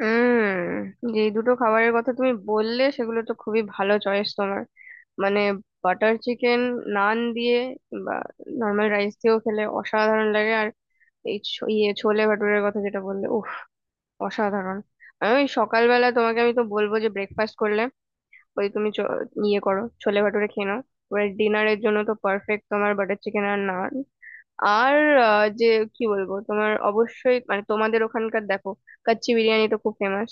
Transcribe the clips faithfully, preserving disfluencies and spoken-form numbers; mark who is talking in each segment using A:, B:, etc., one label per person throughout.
A: হুম যে দুটো খাবারের কথা তুমি বললে সেগুলো তো খুবই ভালো চয়েস তোমার। মানে বাটার চিকেন নান দিয়ে বা নর্মাল রাইস দিয়েও খেলে অসাধারণ লাগে। আর এই ছ- ইয়ে ছোলে ভাটুরের কথা যেটা বললে, উফ অসাধারণ! আমি ওই সকালবেলা তোমাকে আমি তো বলবো যে ব্রেকফাস্ট করলে ওই তুমি চ- ইয়ে করো, ছোলে ভাটুরে খেয়ে নাও। এবার ডিনারের জন্য তো পারফেক্ট তোমার বাটার চিকেন আর নান। আর আহ, যে কি বলবো তোমার, অবশ্যই মানে তোমাদের ওখানকার দেখো কাচ্চি বিরিয়ানি তো খুব ফেমাস।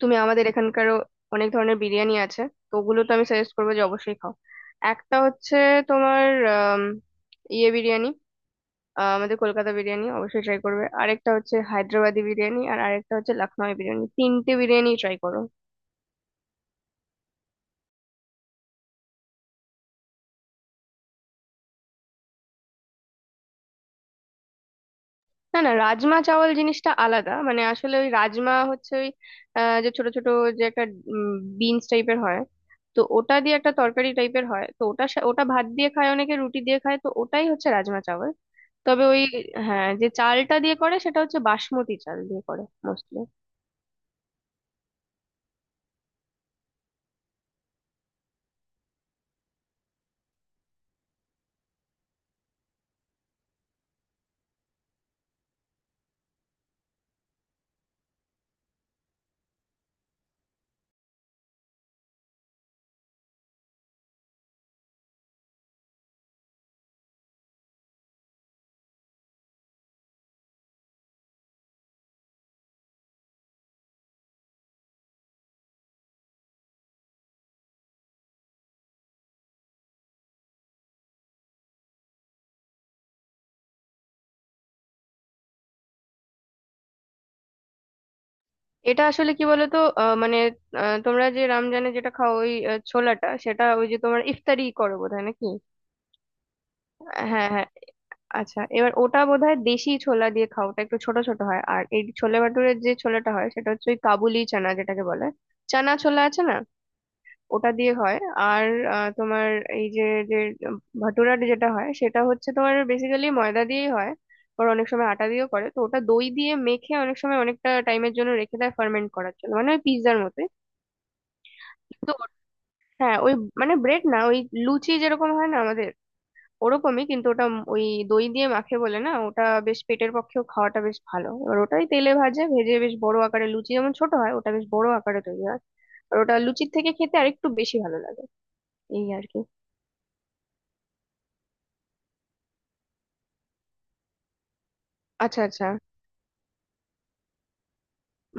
A: তুমি আমাদের এখানকারও অনেক ধরনের বিরিয়ানি আছে, তো ওগুলো তো আমি সাজেস্ট করবো যে অবশ্যই খাও। একটা হচ্ছে তোমার আম, ইয়ে বিরিয়ানি, আহ, আমাদের কলকাতা বিরিয়ানি অবশ্যই ট্রাই করবে। আরেকটা হচ্ছে হায়দ্রাবাদি বিরিয়ানি, আর আরেকটা হচ্ছে লখনৌ বিরিয়ানি। তিনটে বিরিয়ানি ট্রাই করো। না না, রাজমা চাওয়াল জিনিসটা আলাদা। মানে আসলে ওই রাজমা হচ্ছে ওই আহ, যে ছোট ছোট যে একটা বিনস টাইপের হয়, তো ওটা দিয়ে একটা তরকারি টাইপের হয়। তো ওটা ওটা ভাত দিয়ে খায়, অনেকে রুটি দিয়ে খায়। তো ওটাই হচ্ছে রাজমা চাওয়াল। তবে ওই হ্যাঁ, যে চালটা দিয়ে করে সেটা হচ্ছে বাসমতি চাল দিয়ে করে মোস্টলি। এটা আসলে কি বলতো, আহ, মানে আহ, তোমরা যে রমজানে যেটা খাও ওই আহ, ছোলাটা, সেটা ওই যে তোমার ইফতারি করো বোধহয় নাকি? হ্যাঁ হ্যাঁ, আচ্ছা এবার ওটা বোধহয় দেশি ছোলা দিয়ে খাও। ওটা একটু ছোট ছোট হয়। আর এই ছোলে ভাটুরের যে ছোলাটা হয় সেটা হচ্ছে ওই কাবুলি চানা যেটাকে বলে, চানা ছোলা আছে না, ওটা দিয়ে হয়। আর আহ, তোমার এই যে যে ভাটুরা যেটা হয় সেটা হচ্ছে তোমার বেসিক্যালি ময়দা দিয়েই হয়, আর অনেক সময় আটা দিয়েও করে। তো ওটা দই দিয়ে মেখে অনেক সময় অনেকটা টাইমের জন্য রেখে দেয় ফার্মেন্ট করার জন্য, মানে ওই পিৎজার মতো। তো ওটা- হ্যাঁ ওই, মানে ব্রেড না, ওই লুচি যেরকম হয় না আমাদের, ওরকমই। কিন্তু ওটা উম ওই দই দিয়ে মাখে বলে না, ওটা বেশ পেটের পক্ষেও খাওয়াটা বেশ ভালো। এবার ওটাই তেলে ভাজে ভেজে বেশ বড় আকারে, লুচি যেমন ছোট হয়, ওটা বেশ বড় আকারে তৈরি হয়। আর ওটা লুচির থেকে খেতে আরেকটু বেশি ভালো লাগে। এই আর কি। আচ্ছা আচ্ছা।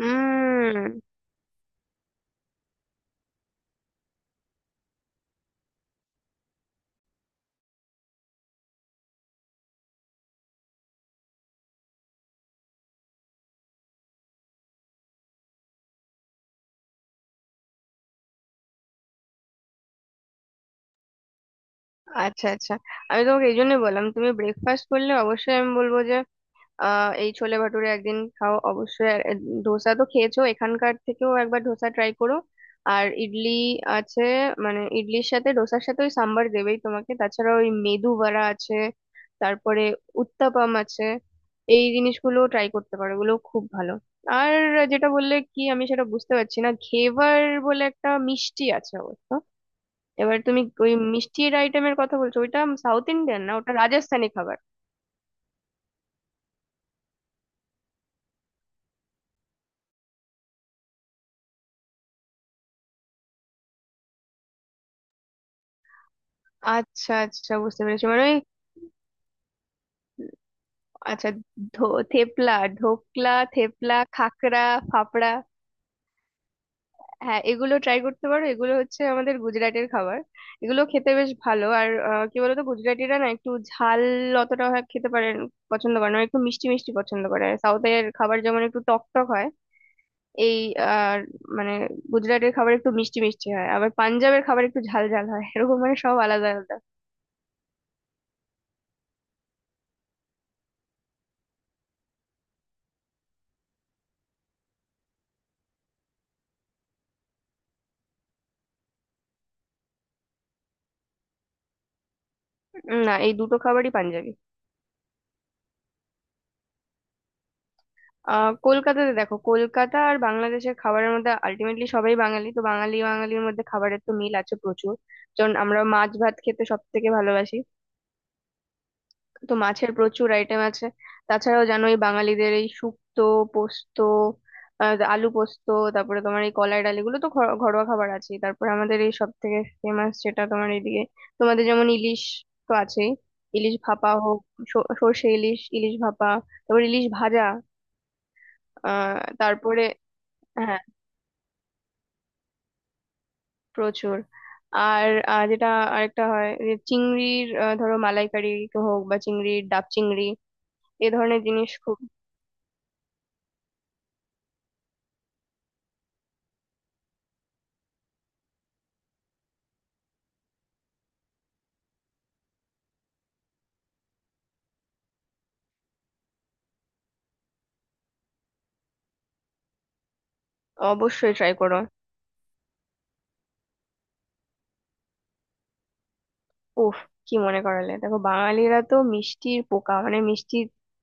A: উম আচ্ছা আচ্ছা, আমি তোমাকে এই জন্যই বললাম, তুমি ব্রেকফাস্ট করলে অবশ্যই আমি বলবো যে আহ এই ছোলে ভাটুরে একদিন খাও অবশ্যই। আর, এ, ধোসা তো খেয়েছো, এখানকার থেকেও একবার ধোসা ট্রাই করো। আর ইডলি আছে, মানে ইডলির সাথে, ডোসার সাথে ওই সাম্বার দেবেই তোমাকে। তাছাড়া ওই মেদু বড়া আছে, তারপরে উত্তাপাম আছে। এই জিনিসগুলো ট্রাই করতে পারো, এগুলো খুব ভালো। আর যেটা বললে কি আমি সেটা বুঝতে পারছি না, ঘেভার বলে একটা মিষ্টি আছে অবশ্য। এবার তুমি ওই মিষ্টির আইটেমের কথা বলছো, ওইটা সাউথ ইন্ডিয়ান না, ওটা রাজস্থানি খাবার। আচ্ছা আচ্ছা বুঝতে পেরেছি, মানে ওই আচ্ছা ধো থেপলা, ঢোকলা, থেপলা, খাকরা, ফাপড়া। হ্যাঁ এগুলো ট্রাই করতে পারো, এগুলো হচ্ছে আমাদের গুজরাটের খাবার। এগুলো খেতে বেশ ভালো। আর আহ, কি বলতো গুজরাটিরা না একটু ঝাল অতটা হয়- খেতে পারে, পছন্দ করে না। ওরা একটু মিষ্টি মিষ্টি পছন্দ করে। সাউথের খাবার যেমন একটু টক টক হয়। এই আর মানে গুজরাটের খাবার একটু মিষ্টি মিষ্টি হয়, আবার পাঞ্জাবের খাবার একটু ঝাল ঝাল হয়, এরকম মানে সব আলাদা আলাদা। উম, না, এই দুটো খাবারই পাঞ্জাবি। আহ কলকাতাতে দেখো, কলকাতা আর বাংলাদেশের খাবারের মধ্যে আলটিমেটলি সবাই বাঙালি, তো বাঙালি বাঙালির মধ্যে খাবারের তো মিল আছে প্রচুর। যেমন আমরা মাছ ভাত খেতে সব থেকে ভালোবাসি, তো মাছের প্রচুর আইটেম আছে। তাছাড়াও জানোই বাঙালিদের এই শুক্তো, পোস্ত, আহ, আলু পোস্ত, তারপরে তোমার এই কলাই ডাল, এগুলো তো ঘর- ঘরোয়া খাবার আছে। তারপরে আমাদের এই সব থেকে ফেমাস যেটা, তোমার এইদিকে তোমাদের যেমন ইলিশ তো আছেই। ইলিশ ভাপা হোক, স- সর্ষে ইলিশ, ইলিশ ভাপা, তারপর ইলিশ ভাজা, আহ তারপরে হ্যাঁ প্রচুর। আর আহ, যেটা আরেকটা হয় যে চিংড়ির আহ, ধরো মালাইকারি হোক, বা চিংড়ির ডাব চিংড়ি, এ ধরনের জিনিস খুব। অবশ্যই ট্রাই করো। উফ, কি মনে করালে! দেখো বাঙালিরা তো মিষ্টির পোকা, মানে মিষ্টি,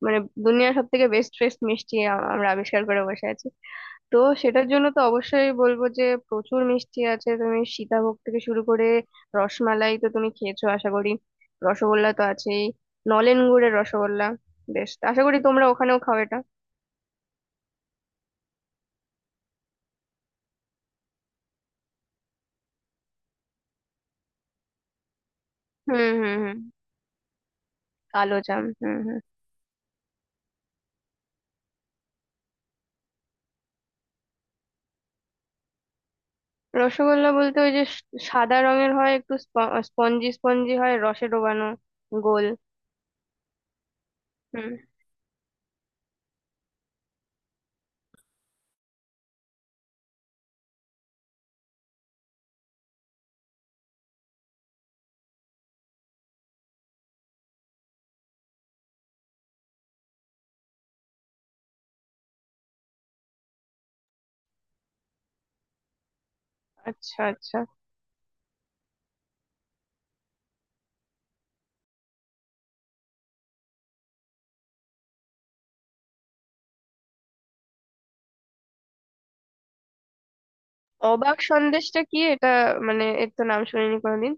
A: মানে দুনিয়ার সব থেকে বেস্ট বেস্ট মিষ্টি আ- আমরা আবিষ্কার করে বসে আছি। তো সেটার জন্য তো অবশ্যই বলবো যে প্রচুর মিষ্টি আছে, তুমি সীতাভোগ থেকে শুরু করে রসমালাই তো তুমি খেয়েছো আশা করি, রসগোল্লা তো আছেই, নলেন গুড়ের রসগোল্লা বেশ, আশা করি তোমরা ওখানেও খাও এটা। হুম হুম হুম, কালো জাম, হুম হুম। রসগোল্লা বলতে ওই যে স- সাদা রঙের হয় একটু, স্পঞ্জি স্পঞ্জি হয়, রসে ডোবানো, গোল। হুম। আচ্ছা আচ্ছা, অবাক সন্দেশটা কি এটা? মানে এর তো নাম শুনিনি কোনোদিন।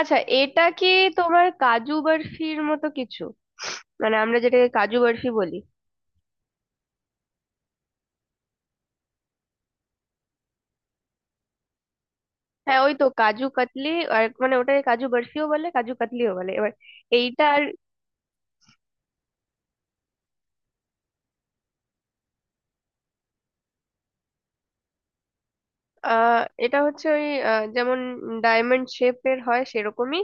A: আচ্ছা, এটা কি তোমার কাজু বরফির মতো কিছু? মানে আমরা যেটাকে কাজু বরফি বলি। হ্যাঁ ওই তো কাজু কাতলি, আর মানে ওটাকে কাজু বরফিও বলে, কাজু কাতলিও বলে। এবার এইটা আর আহ, এটা হচ্ছে ওই আহ, যেমন ডায়মন্ড শেপের হয় সেরকমই।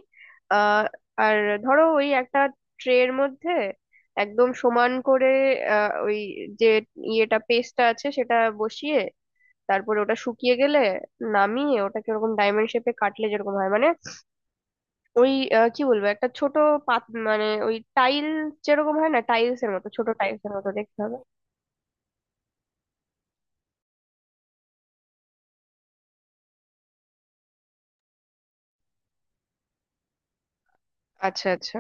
A: আহ, আর ধরো ওই একটা ট্রের মধ্যে একদম সমান করে আহ, ওই যে ইয়েটা পেস্টটা আছে সেটা বসিয়ে, তারপরে ওটা শুকিয়ে গেলে নামিয়ে ওটাকে ওরকম ডায়মন্ড শেপে কাটলে যেরকম হয়, মানে ওই আহ, কি বলবো, একটা ছোট পাত, মানে ওই টাইল যেরকম হয় না, টাইলস এর মতো, ছোট টাইলস এর মতো দেখতে হবে। আচ্ছা আচ্ছা।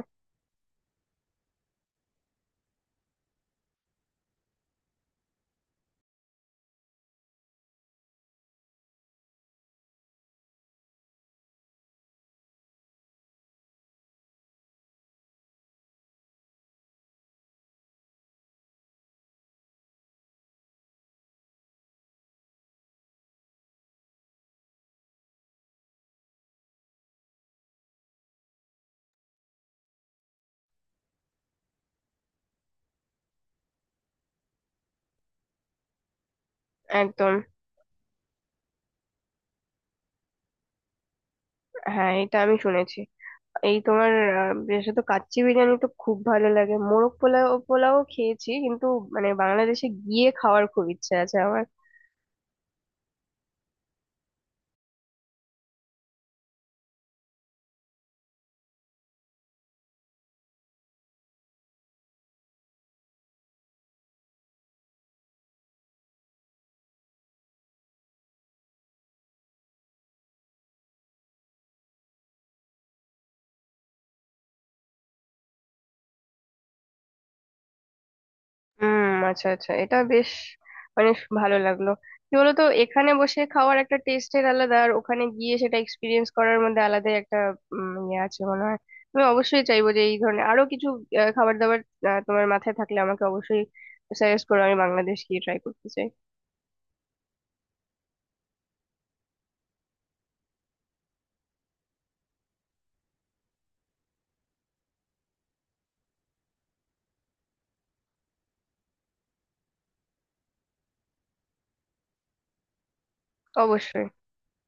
A: একদম। হ্যাঁ এটা আমি শুনেছি। এই তোমার আহ, বিশেষত কাচ্চি বিরিয়ানি তো খুব ভালো লাগে, মোরগ পোলাও পোলাও খেয়েছি কিন্তু মানে বাংলাদেশে গিয়ে খাওয়ার খুব ইচ্ছে আছে আমার। হুম আচ্ছা আচ্ছা, এটা বেশ মানে শ- ভালো লাগলো। কি বলতো, এখানে বসে খাওয়ার একটা টেস্টের আলাদা, আর ওখানে গিয়ে সেটা এক্সপিরিয়েন্স করার মধ্যে আলাদাই একটা উম, ইয়ে আছে মনে হয়। আমি অবশ্যই চাইবো যে এই ধরনের আরো কিছু আহ, খাবার দাবার আহ, তোমার মাথায় থাকলে আমাকে অবশ্যই সাজেস্ট করো, আমি বাংলাদেশ গিয়ে ট্রাই করতে চাই। অবশ্যই।